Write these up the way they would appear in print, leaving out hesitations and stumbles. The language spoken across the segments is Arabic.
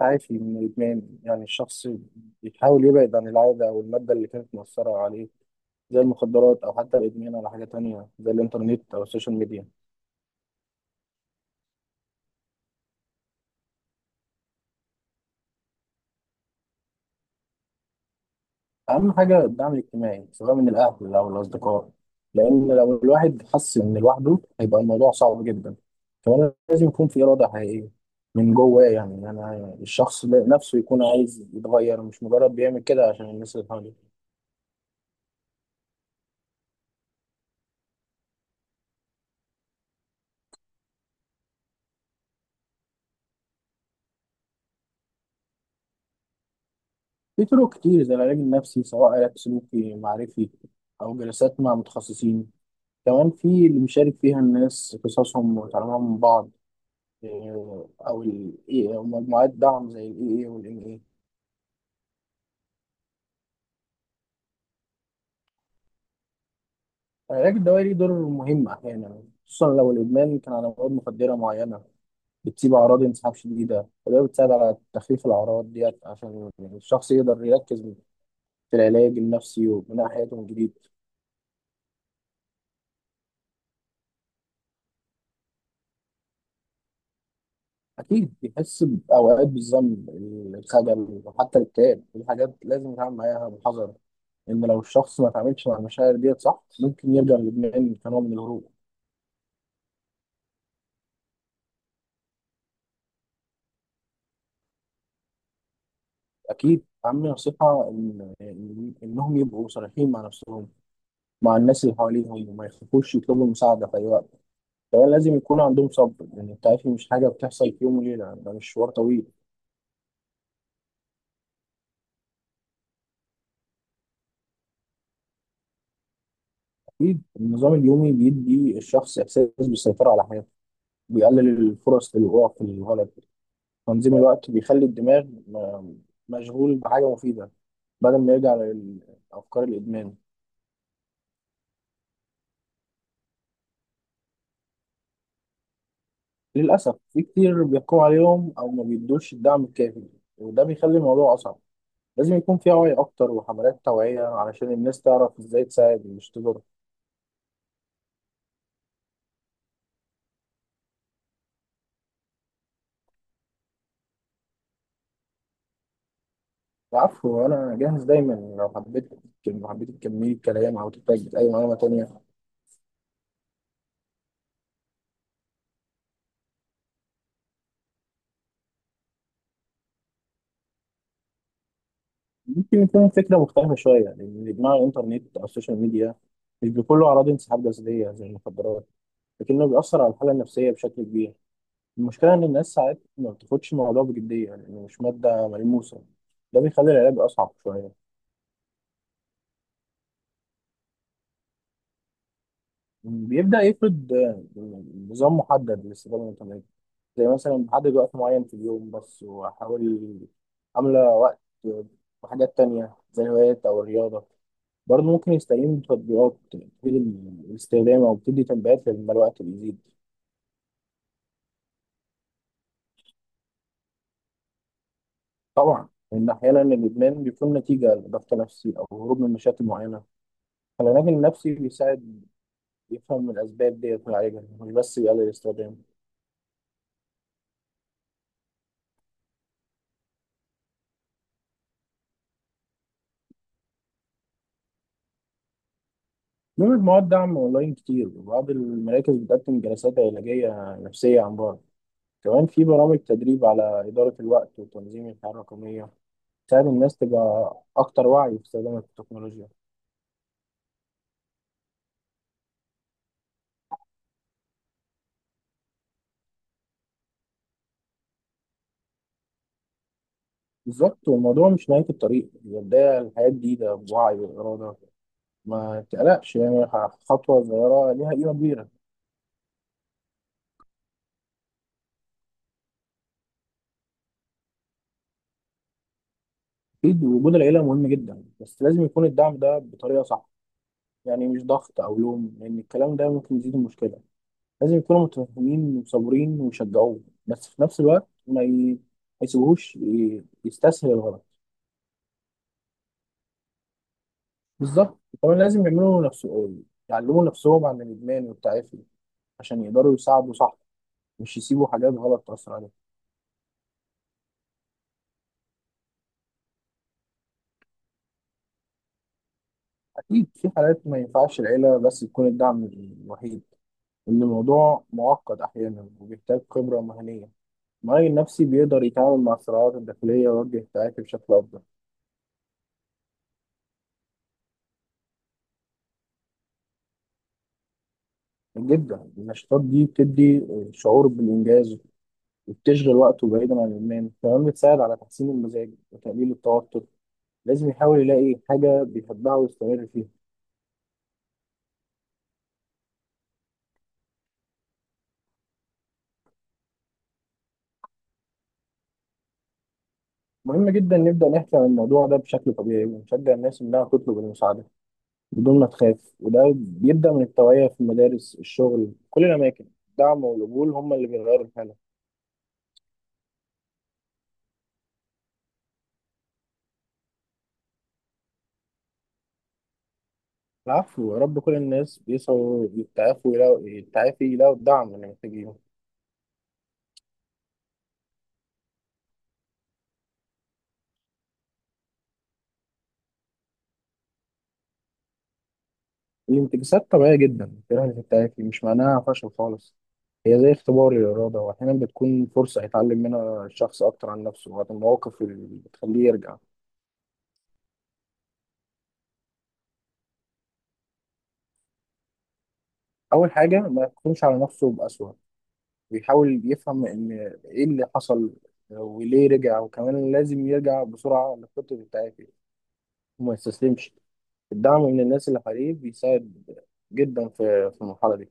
عافي من الإدمان، يعني الشخص بيحاول يبعد عن العادة أو المادة اللي كانت مؤثرة عليه، زي المخدرات أو حتى الإدمان على حاجة تانية زي الإنترنت أو السوشيال ميديا. أهم حاجة الدعم الاجتماعي، سواء من الأهل أو الأصدقاء، لأن لو الواحد حس إن لوحده هيبقى الموضوع صعب جدا. كمان لازم يكون في إرادة حقيقية من جواه، يعني أنا الشخص نفسه يكون عايز يتغير، مش مجرد بيعمل كده عشان الناس اللي حواليه. في طرق كتير زي العلاج النفسي، سواء علاج سلوكي معرفي أو جلسات مع متخصصين. كمان في اللي بيشارك فيها الناس قصصهم وتعلمهم من بعض. أو ال AA أو مجموعات دعم زي ال AA وال NA. العلاج الدوائي ليه دور مهم أحيانا، خصوصا لو الإدمان كان على مواد مخدرة معينة بتسيب أعراض انسحاب شديدة. وده بتساعد على تخفيف الأعراض ديت عشان الشخص يقدر يركز في العلاج النفسي وبناء حياته من جديد. أكيد بيحس بأوقات بالذنب، الخجل وحتى الاكتئاب. دي حاجات لازم يتعامل معاها بحذر، إن لو الشخص ما تعاملش مع المشاعر ديت صح ممكن يرجع للإدمان كنوع من الهروب. أكيد أهم نصيحة إنهم يبقوا صريحين مع نفسهم، مع الناس اللي حواليهم، وما يخافوش يطلبوا المساعدة في أي وقت. كمان لازم يكون عندهم صبر، لأن التعافي مش حاجة بتحصل في يوم وليلة، ده مشوار طويل. أكيد النظام اليومي بيدي الشخص إحساس بالسيطرة على حياته، بيقلل الفرص للوقوع في الغلط. تنظيم الوقت بيخلي الدماغ مشغول بحاجة مفيدة، بدل ما يرجع للأفكار الإدمان. للأسف في كتير بيقوا عليهم أو ما بيدوش الدعم الكافي، وده بيخلي الموضوع أصعب. لازم يكون في وعي أكتر وحملات توعية علشان الناس تعرف إزاي تساعد مش تضر. العفو، أنا جاهز دايما لو حبيت تكملي الكلام أو تحتاج أي معلومة تانية. ممكن يكون فكرة مختلفة شوية، لأن إدمان الإنترنت أو السوشيال ميديا مش بكله أعراض انسحاب جسدية زي المخدرات، لكنه بيأثر على الحالة النفسية بشكل كبير. المشكلة إن الناس ساعات ما بتاخدش الموضوع بجدية، لأنه مش مادة ملموسة، ده بيخلي العلاج أصعب شوية. بيبدأ يفرض نظام محدد للاستفادة من الإنترنت، زي مثلا بحدد وقت معين في اليوم بس وأحاول أملى وقت بحاجات تانية زي الهوايات أو الرياضة. برضه ممكن يستعين بتطبيقات تفيد الاستخدام أو بتدي تنبيهات لما الوقت بيزيد. طبعا، إن أحيانا الإدمان بيكون نتيجة لضغط نفسي أو هروب من مشاكل معينة. العلاج النفسي بيساعد يفهم الأسباب ديت ويعالجها، مش بس يقلل الاستخدام. بيعمل مواد دعم أونلاين كتير، وبعض المراكز بتقدم جلسات علاجية نفسية عن بعد. كمان في برامج تدريب على إدارة الوقت وتنظيم الحياة الرقمية، تساعد الناس تبقى أكتر وعي في استخدام التكنولوجيا. بالظبط، والموضوع مش نهاية الطريق، هي بداية لحياة جديدة بوعي وإرادة. ما تقلقش، يعني خطوة صغيرة ليها قيمة كبيرة. أكيد وجود العيلة مهم جدا، بس لازم يكون الدعم ده بطريقة صح، يعني مش ضغط أو لوم، لأن الكلام ده ممكن يزيد المشكلة. لازم يكونوا متفاهمين وصابرين ويشجعوه، بس في نفس الوقت ما يسيبوهوش يستسهل الغلط. بالظبط، وكمان لازم يعملوا نفسهم يعلموا نفسهم عن الإدمان والتعافي، عشان يقدروا يساعدوا صح، مش يسيبوا حاجات غلط تأثر عليهم. أكيد في حالات ما ينفعش العيلة بس تكون الدعم الوحيد، إن الموضوع معقد أحيانا وبيحتاج خبرة مهنية. المعالج النفسي بيقدر يتعامل مع الصراعات الداخلية ويوجه التعافي بشكل أفضل. جدا، النشاطات دي بتدي شعور بالإنجاز وبتشغل وقته بعيدا عن الإدمان. كمان بتساعد على تحسين المزاج وتقليل التوتر. لازم يحاول يلاقي حاجة بيحبها ويستمر فيها. مهم جدا نبدأ نحكي عن الموضوع ده بشكل طبيعي ونشجع الناس إنها تطلب المساعدة بدون ما تخاف. وده بيبدأ من التوعية في المدارس، الشغل، كل الأماكن. الدعم والقبول هم اللي بيغيروا الحالة. العفو، يا رب كل الناس بيسعوا يتعافوا يلاقوا يتعافي يلاقوا الدعم اللي محتاجينه. الانتكاسات طبيعية جدا، الجراحة اللي بتتعافي مش معناها فشل خالص، هي زي اختبار للإرادة. وأحيانا بتكون فرصة يتعلم منها الشخص أكتر عن نفسه وعن المواقف اللي بتخليه يرجع. أول حاجة ما يحكمش على نفسه بأسوأ، ويحاول يفهم إن إيه اللي حصل وليه رجع. وكمان لازم يرجع بسرعة لخطة التعافي وما يستسلمش. الدعم من الناس اللي حواليه بيساعد جدا في المرحلة دي.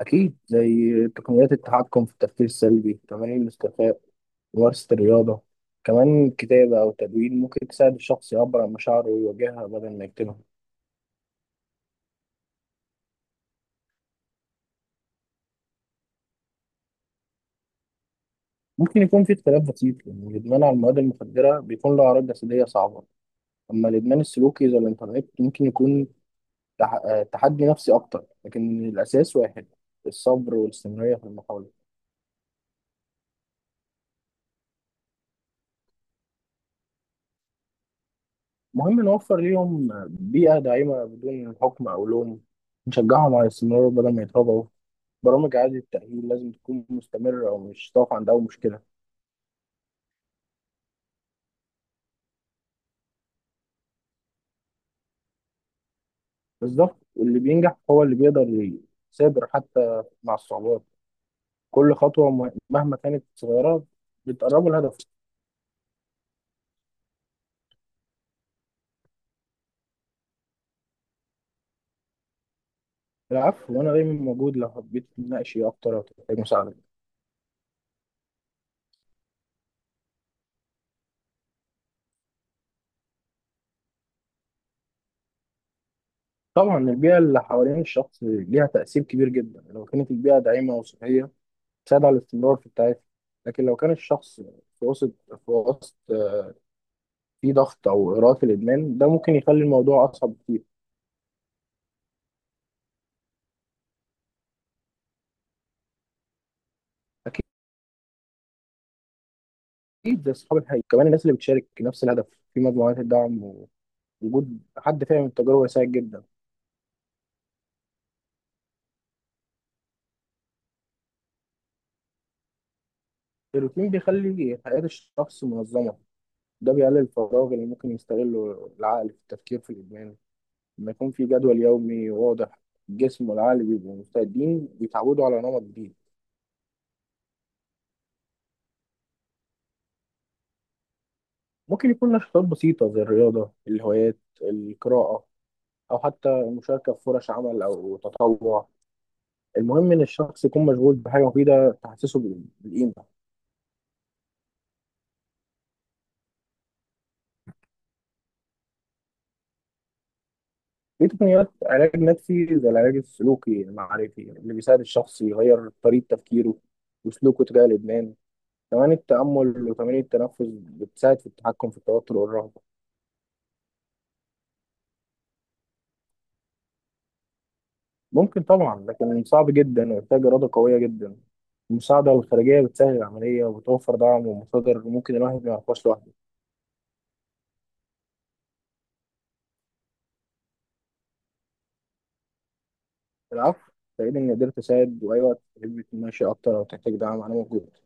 أكيد، زي تقنيات التحكم في التفكير السلبي، تمارين الاستيفاء، ممارسة الرياضة. كمان كتابة أو تدوين ممكن تساعد الشخص يعبر عن مشاعره ويواجهها بدل ما يكتمها. ممكن يكون في اختلاف بسيط، لأن الإدمان على المواد المخدرة بيكون له أعراض جسدية صعبة. أما الإدمان السلوكي زي الإنترنت، ممكن يكون تح... آه، تحدي نفسي أكتر، لكن الأساس واحد، الصبر والاستمرارية في المحاولة. مهم نوفر ليهم بيئة داعمة بدون حكم أو لوم، نشجعهم على الاستمرار بدل ما يتراجعوا. برامج إعادة التأهيل لازم تكون مستمرة ومش تقف عند أول مشكلة. بالظبط، واللي بينجح هو اللي بيقدر يثابر حتى مع الصعوبات. كل خطوة مهما كانت صغيرة بتقربه الهدف. العفو، وأنا دايما موجود لو حبيت تناقشي أكتر أو تحتاج مساعدة. طبعا، البيئة اللي حوالين الشخص ليها تأثير كبير جدا. لو كانت البيئة داعمة وصحية تساعد على الاستمرار في التعافي. لكن لو كان الشخص في وسط في وسط فيه ضغط أو إغراءات في الإدمان ده، ممكن يخلي الموضوع أصعب كتير. اكيد، زي اصحاب الحقيقه. كمان الناس اللي بتشارك نفس الهدف في مجموعات الدعم، ووجود حد فاهم التجربه يساعد جدا. الروتين بيخلي حياه الشخص منظمه، ده بيقلل الفراغ اللي ممكن يستغله العقل في التفكير في الادمان. لما يكون في جدول يومي واضح، الجسم والعقل بيبقوا مستعدين، بيتعودوا على نمط جديد. ممكن يكون نشاطات بسيطه، زي الرياضه، الهوايات، القراءه، او حتى المشاركه في فرص عمل او تطوع. المهم ان الشخص يكون مشغول بحاجه مفيده تحسسه بالقيمه. في تقنيات علاج نفسي زي العلاج السلوكي المعرفي اللي بيساعد الشخص يغير طريقة تفكيره وسلوكه تجاه الإدمان. كمان التأمل وتمارين التنفس بتساعد في التحكم في التوتر والرهبة. ممكن طبعا، لكن صعب جدا ويحتاج إرادة قوية جدا. المساعدة الخارجية بتسهل العملية وبتوفر دعم ومصادر ممكن الواحد ما يعرفهاش لوحده. العفو، سعيد إني قدرت أساعد، وأي وقت تحب تمشي أكتر أو تحتاج دعم أنا موجود.